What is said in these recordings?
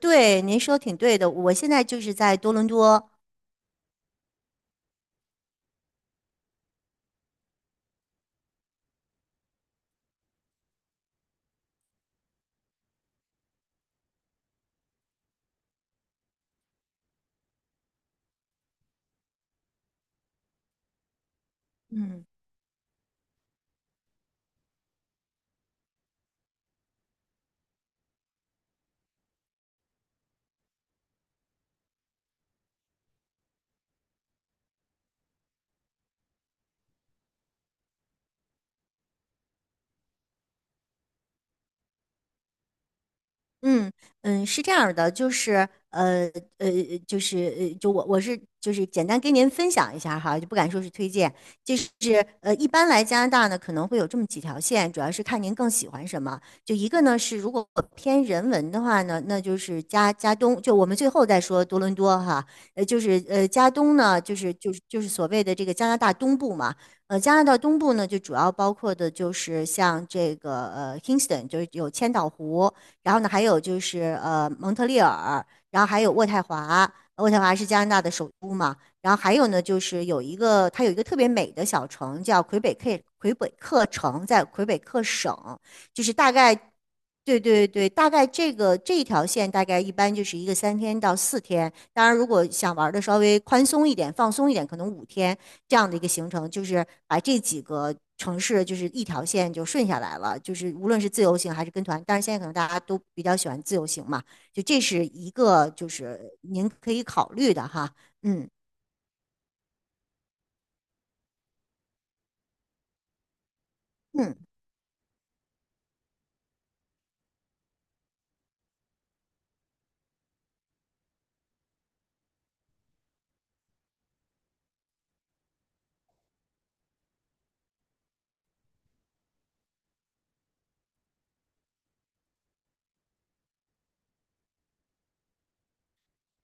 对，您说挺对的。我现在就是在多伦多。嗯。嗯嗯，是这样儿的，呃，我是简单跟您分享一下哈，就不敢说是推荐。一般来加拿大呢可能会有这么几条线，主要是看您更喜欢什么。就一个呢是如果偏人文的话呢，那就是加东，就我们最后再说多伦多哈。加东呢，就是所谓的这个加拿大东部嘛。呃，加拿大东部呢，就主要包括的就是像这个 Kingston,就是有千岛湖。然后呢，还有就是蒙特利尔，然后还有渥太华，渥太华是加拿大的首都嘛。然后还有呢，就是有一个特别美的小城叫魁北克，魁北克城在魁北克省，就是大概，对对对，大概这个这一条线大概一般就是一个3天到4天。当然如果想玩的稍微宽松一点、放松一点，可能5天。这样的一个行程，就是把这几个城市就是一条线就顺下来了，就是无论是自由行还是跟团，但是现在可能大家都比较喜欢自由行嘛。就这是一个就是您可以考虑的哈。嗯嗯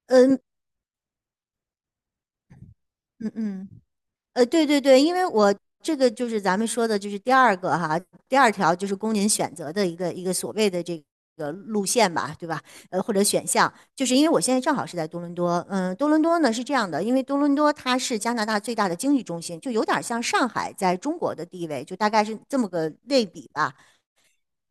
嗯嗯嗯。对对对，因为我这个就是咱们说的，就是第二个哈，第二条就是供您选择的一个所谓的这个路线吧，对吧？或者选项，就是因为我现在正好是在多伦多。嗯，多伦多呢是这样的，因为多伦多它是加拿大最大的经济中心，就有点像上海在中国的地位，就大概是这么个类比吧。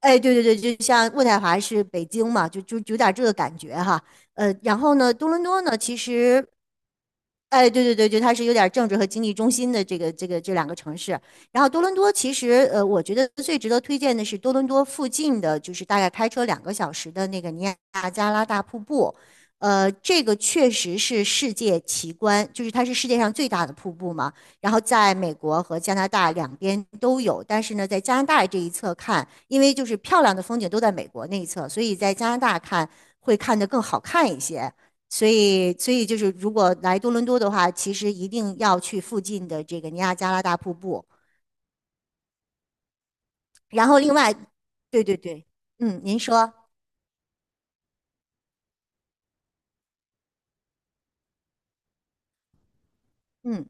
哎，对对对，就像渥太华是北京嘛，就有点这个感觉哈。然后呢，多伦多呢，其实哎，对对对，对，它是有点政治和经济中心的这个这两个城市。然后多伦多其实，我觉得最值得推荐的是多伦多附近的，就是大概开车2个小时的那个尼亚加拉大瀑布。这个确实是世界奇观，就是它是世界上最大的瀑布嘛。然后在美国和加拿大两边都有，但是呢，在加拿大这一侧看，因为就是漂亮的风景都在美国那一侧，所以在加拿大看会看得更好看一些。所以就是如果来多伦多的话，其实一定要去附近的这个尼亚加拉大瀑布。然后另外，对对对。嗯，您说。嗯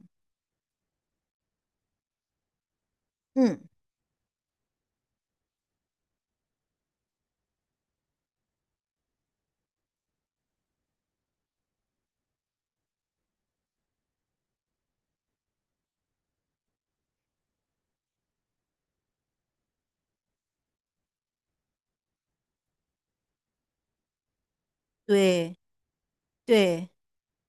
嗯，对对。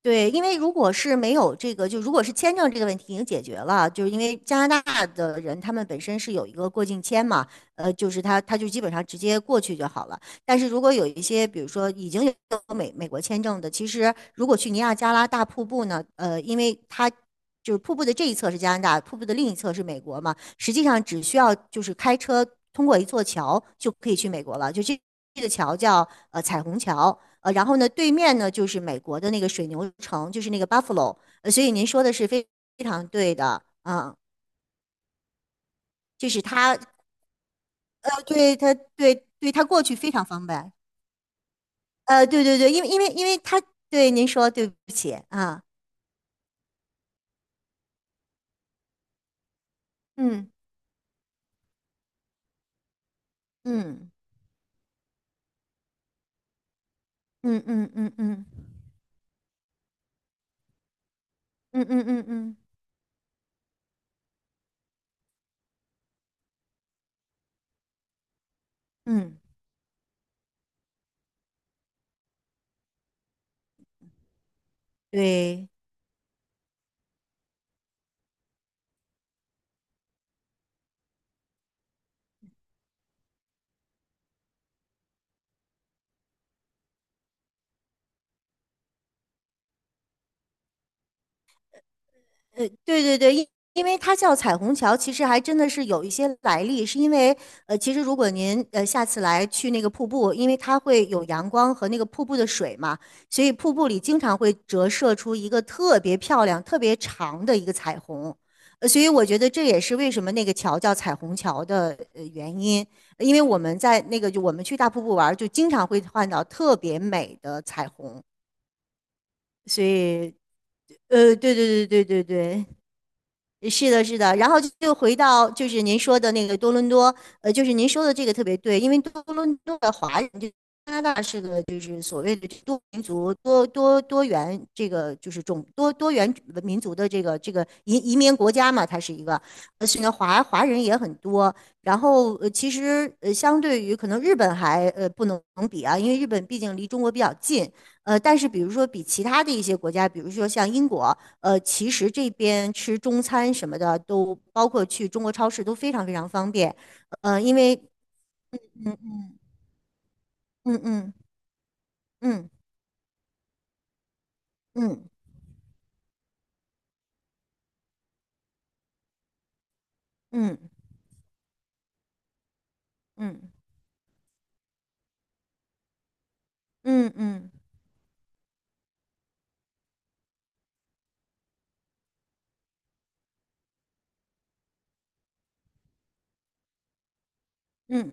对，因为如果是没有这个，就如果是签证这个问题已经解决了，就是因为加拿大的人他们本身是有一个过境签嘛。就是他就基本上直接过去就好了。但是如果有一些，比如说已经有美国签证的，其实如果去尼亚加拉大瀑布呢，因为它就是瀑布的这一侧是加拿大，瀑布的另一侧是美国嘛，实际上只需要就是开车通过一座桥就可以去美国了，就这个桥叫彩虹桥。然后呢，对面呢就是美国的那个水牛城，就是那个 Buffalo。所以您说的是非常对的。啊，就是他，他对他对对他过去非常方便。对对对，因为他对您说对不起啊。嗯嗯嗯嗯嗯嗯嗯嗯嗯嗯嗯，嗯，对。对对对，因为它叫彩虹桥，其实还真的是有一些来历，是因为其实如果您下次来去那个瀑布，因为它会有阳光和那个瀑布的水嘛，所以瀑布里经常会折射出一个特别漂亮、特别长的一个彩虹。所以我觉得这也是为什么那个桥叫彩虹桥的原因，因为我们在那个就我们去大瀑布玩儿就经常会看到特别美的彩虹。所以对对对对对对。是的，是的，然后就回到就是您说的那个多伦多。就是您说的这个特别对，因为多伦多的华人就是个就是所谓的多民族、多元这个就是种多元民族的这个移民国家嘛，它是一个。所以华人也很多。然后其实相对于可能日本还不能比啊，因为日本毕竟离中国比较近。但是比如说比其他的一些国家，比如说像英国，其实这边吃中餐什么的都包括去中国超市都非常非常方便。呃，因为嗯嗯嗯嗯嗯嗯。嗯嗯嗯嗯嗯嗯。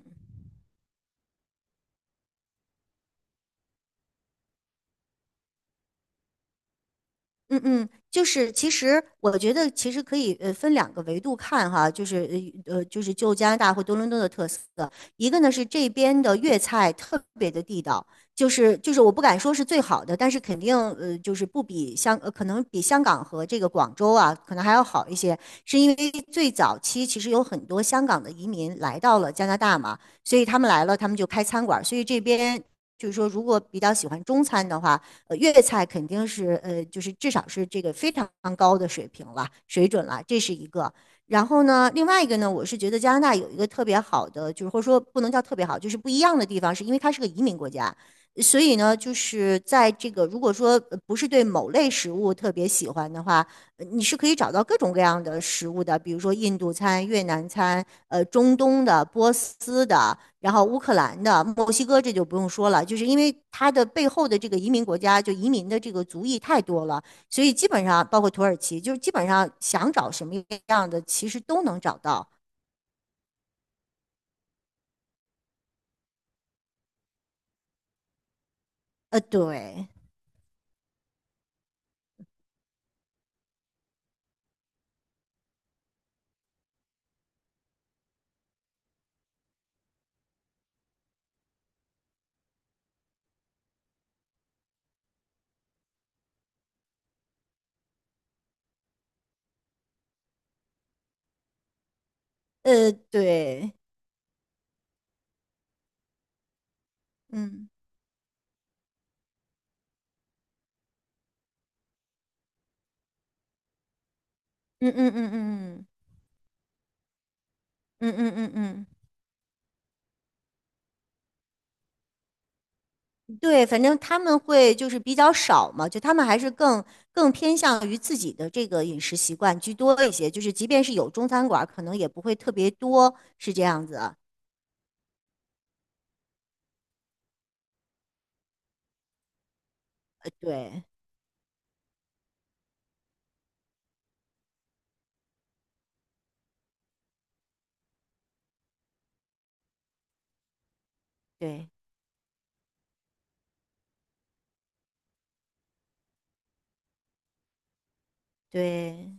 嗯嗯，就是其实我觉得其实可以分两个维度看哈，就是就加拿大或多伦多的特色。一个呢是这边的粤菜特别的地道，就是我不敢说是最好的，但是肯定就是不比香呃可能比香港和这个广州啊可能还要好一些，是因为最早期其实有很多香港的移民来到了加拿大嘛，所以他们来了他们就开餐馆儿，所以这边就是说如果比较喜欢中餐的话。粤菜肯定是就是至少是这个非常高的水平了，水准了，这是一个。然后呢，另外一个呢，我是觉得加拿大有一个特别好的，就是或者说不能叫特别好，就是不一样的地方，是因为它是个移民国家。所以呢，就是在这个如果说不是对某类食物特别喜欢的话，你是可以找到各种各样的食物的，比如说印度餐、越南餐，中东的、波斯的，然后乌克兰的、墨西哥，这就不用说了，就是因为它的背后的这个移民国家，就移民的这个族裔太多了，所以基本上包括土耳其，就是基本上想找什么样的，其实都能找到。对。对。嗯嗯嗯嗯嗯嗯嗯嗯嗯嗯。嗯嗯嗯嗯，对，反正他们会就是比较少嘛，就他们还是更偏向于自己的这个饮食习惯居多一些，就是即便是有中餐馆儿可能也不会特别多，是这样子啊。对对对，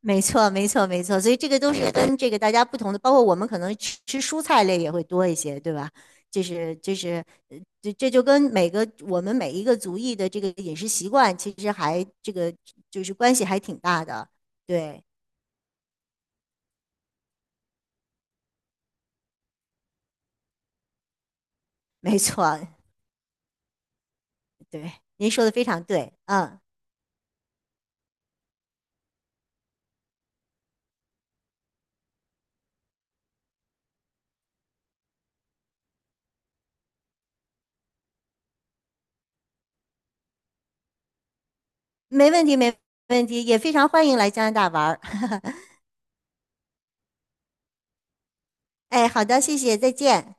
没错没错没错，所以这个都是跟这个大家不同的，包括我们可能吃蔬菜类也会多一些，对吧？就是这就跟我们每一个族裔的这个饮食习惯，其实还这个就是关系还挺大的。对。没错。对，您说的非常对。嗯。没问题，没问题，也非常欢迎来加拿大玩儿。哎，好的，谢谢，再见。